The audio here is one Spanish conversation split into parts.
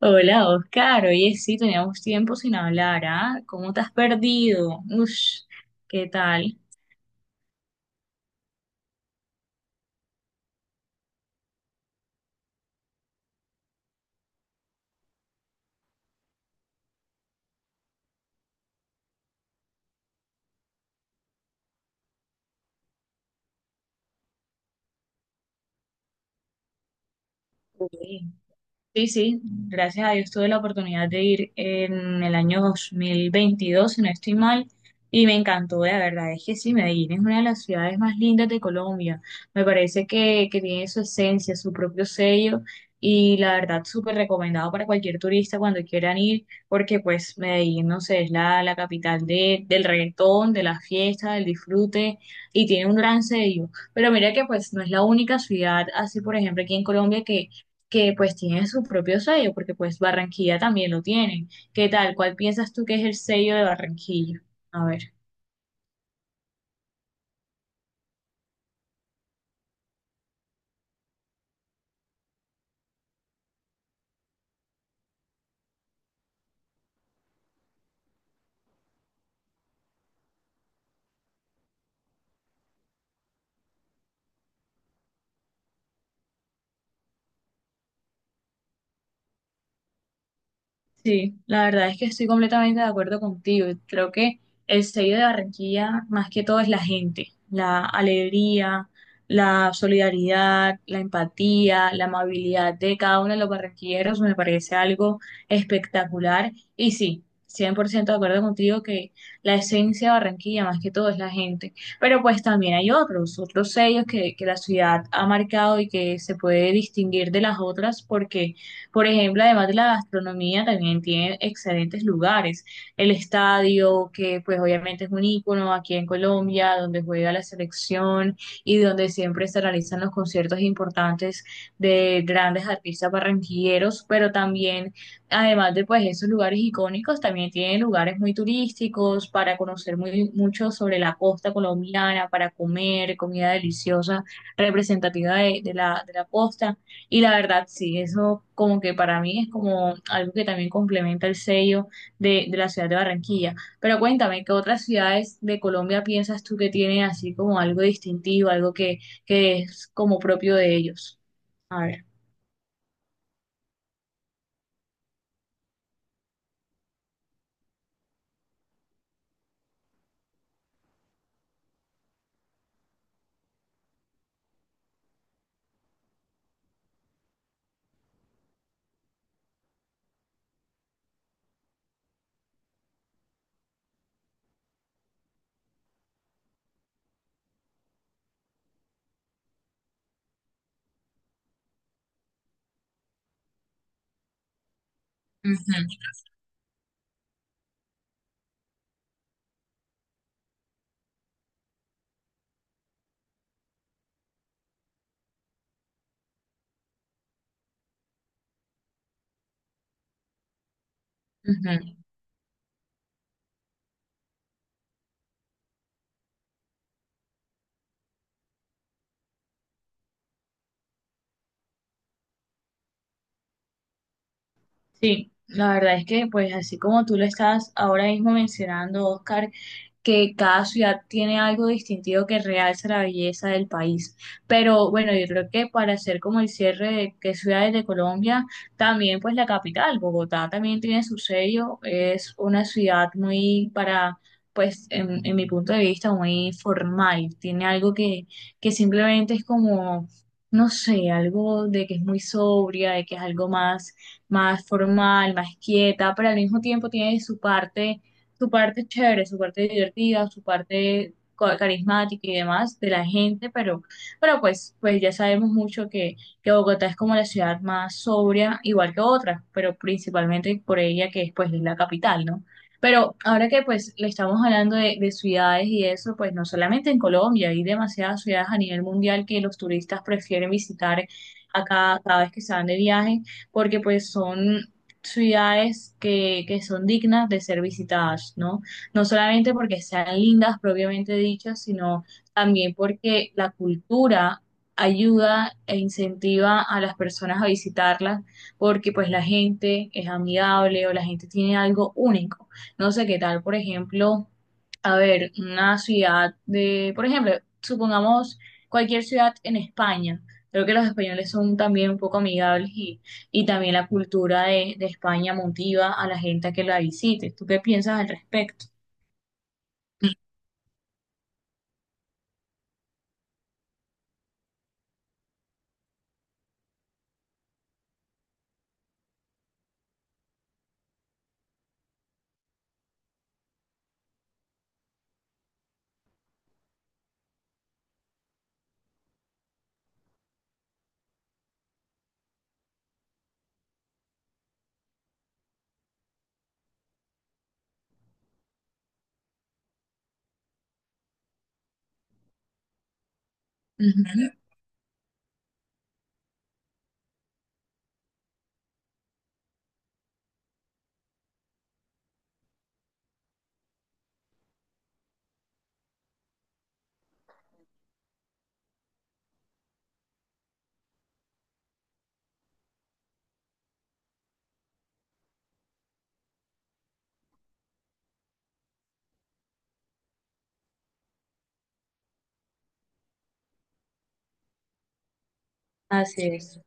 Hola Oscar, oye sí, teníamos tiempo sin hablar, ¿ah? ¿Cómo te has perdido? Ush, ¿qué tal? Sí, sí, gracias a Dios tuve la oportunidad de ir en el año 2022, si no estoy mal, y me encantó, la verdad es que sí. Medellín es una de las ciudades más lindas de Colombia. Me parece que tiene su esencia, su propio sello, y la verdad súper recomendado para cualquier turista cuando quieran ir, porque pues Medellín, no sé, es la capital de, del reggaetón, de la fiesta, del disfrute, y tiene un gran sello. Pero mira que pues no es la única ciudad, así por ejemplo aquí en Colombia que pues tiene su propio sello, porque pues Barranquilla también lo tienen. ¿Qué tal? ¿Cuál piensas tú que es el sello de Barranquilla? A ver. Sí, la verdad es que estoy completamente de acuerdo contigo. Creo que el sello de Barranquilla, más que todo, es la gente, la alegría, la solidaridad, la empatía, la amabilidad de cada uno de los barranquilleros. Me parece algo espectacular. Y sí, 100% de acuerdo contigo que la esencia de Barranquilla, más que todo, es la gente. Pero pues también hay otros sellos que la ciudad ha marcado y que se puede distinguir de las otras porque, por ejemplo, además de la gastronomía, también tiene excelentes lugares. El estadio, que pues obviamente es un ícono aquí en Colombia, donde juega la selección y donde siempre se realizan los conciertos importantes de grandes artistas barranquilleros. Pero también, además de pues esos lugares icónicos, también tiene lugares muy turísticos para conocer mucho sobre la costa colombiana, para comer comida deliciosa representativa de la costa. Y la verdad, sí, eso como que para mí es como algo que también complementa el sello de la ciudad de Barranquilla. Pero cuéntame, ¿qué otras ciudades de Colombia piensas tú que tienen así como algo distintivo, algo que es como propio de ellos? A ver. Ujú, ujú. Sí, la verdad es que, pues así como tú lo estás ahora mismo mencionando, Oscar, que cada ciudad tiene algo distintivo que realza la belleza del país. Pero bueno, yo creo que para hacer como el cierre de qué ciudades de Colombia, también pues la capital, Bogotá, también tiene su sello. Es una ciudad muy para, pues en mi punto de vista, muy formal. Tiene algo que simplemente es como... No sé, algo de que es muy sobria, de que es algo más formal, más quieta, pero al mismo tiempo tiene su parte chévere, su parte divertida, su parte carismática y demás de la gente, pero, pues ya sabemos mucho que Bogotá es como la ciudad más sobria, igual que otras, pero principalmente por ella que es pues la capital, ¿no? Pero ahora que pues le estamos hablando de ciudades y eso, pues no solamente en Colombia, hay demasiadas ciudades a nivel mundial que los turistas prefieren visitar acá cada vez que se van de viaje, porque pues son ciudades que son dignas de ser visitadas, ¿no? No solamente porque sean lindas propiamente dichas, sino también porque la cultura ayuda e incentiva a las personas a visitarlas, porque pues la gente es amigable o la gente tiene algo único. No sé qué tal, por ejemplo, a ver, una ciudad de, por ejemplo, supongamos cualquier ciudad en España. Creo que los españoles son también un poco amigables y también la cultura de España motiva a la gente a que la visite. ¿Tú qué piensas al respecto? Ujú. Así es.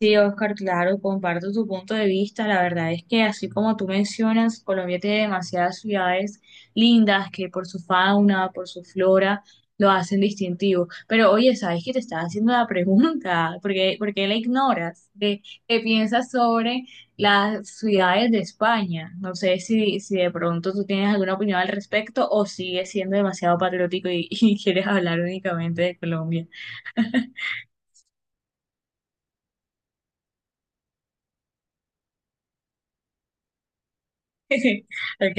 Sí, Oscar, claro, comparto tu punto de vista. La verdad es que así como tú mencionas, Colombia tiene demasiadas ciudades lindas que por su fauna, por su flora, lo hacen distintivo. Pero oye, ¿sabes que te estaba haciendo la pregunta? Por qué la ignoras? ¿Qué, qué piensas sobre las ciudades de España? No sé si de pronto tú tienes alguna opinión al respecto o sigues siendo demasiado patriótico y, y quieres hablar únicamente de Colombia. Ok,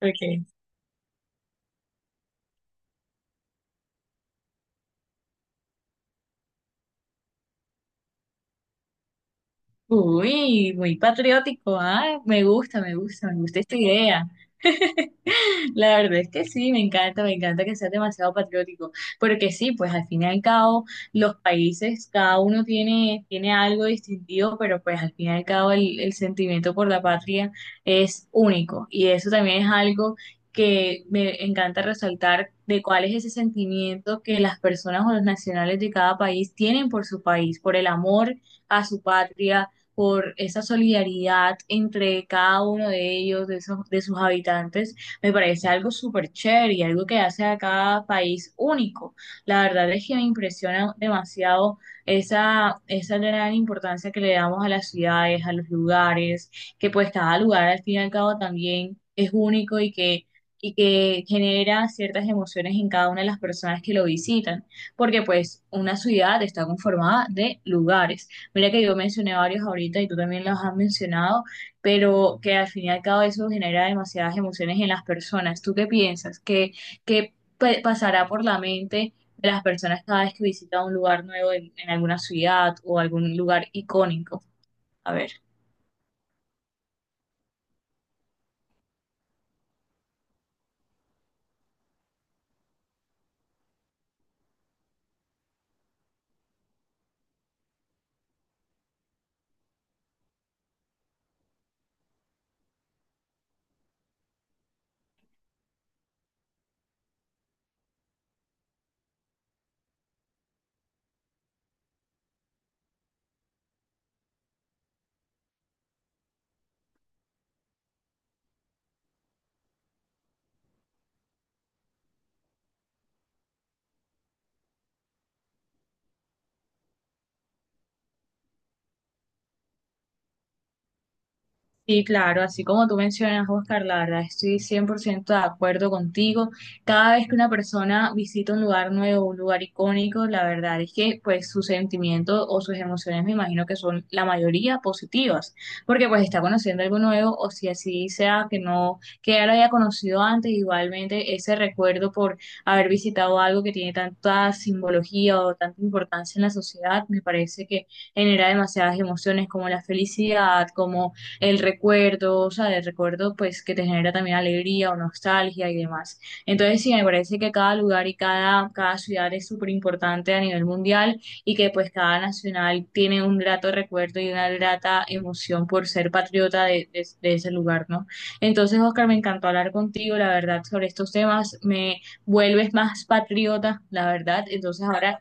ok. Uy, muy patriótico, ah, me gusta, me gusta, me gusta esta idea. La verdad es que sí, me encanta que sea demasiado patriótico, porque sí, pues al fin y al cabo los países, cada uno tiene, tiene algo distintivo, pero pues al fin y al cabo el sentimiento por la patria es único y eso también es algo que me encanta resaltar de cuál es ese sentimiento que las personas o los nacionales de cada país tienen por su país, por el amor a su patria. Por esa solidaridad entre cada uno de ellos, de, esos- de sus habitantes, me parece algo súper chévere y algo que hace a cada país único. La verdad es que me impresiona demasiado esa gran importancia que le damos a las ciudades, a los lugares, que pues cada lugar al fin y al cabo también es único y que genera ciertas emociones en cada una de las personas que lo visitan, porque pues una ciudad está conformada de lugares. Mira que yo mencioné varios ahorita y tú también los has mencionado, pero que al fin y al cabo eso genera demasiadas emociones en las personas. ¿Tú qué piensas? ¿Qué, qué pasará por la mente de las personas cada vez que visita un lugar nuevo en alguna ciudad o algún lugar icónico? A ver. Sí, claro, así como tú mencionas, Oscar, la verdad estoy 100% de acuerdo contigo. Cada vez que una persona visita un lugar nuevo, un lugar icónico, la verdad es que pues sus sentimientos o sus emociones me imagino que son la mayoría positivas, porque pues está conociendo algo nuevo, o si así sea que no, que ya lo haya conocido antes, igualmente ese recuerdo por haber visitado algo que tiene tanta simbología o tanta importancia en la sociedad, me parece que genera demasiadas emociones como la felicidad, como el recuerdo, o sea, el recuerdo pues que te genera también alegría o nostalgia y demás. Entonces sí, me parece que cada lugar y cada ciudad es súper importante a nivel mundial y que pues cada nacional tiene un grato recuerdo y una grata emoción por ser patriota de ese lugar, ¿no? Entonces, Oscar, me encantó hablar contigo, la verdad, sobre estos temas. Me vuelves más patriota, la verdad.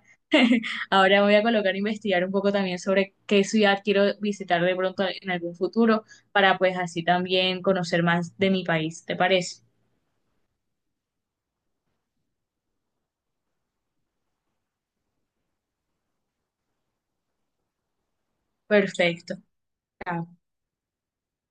Ahora me voy a colocar a investigar un poco también sobre qué ciudad quiero visitar de pronto en algún futuro para pues así también conocer más de mi país. ¿Te parece? Perfecto. Chao.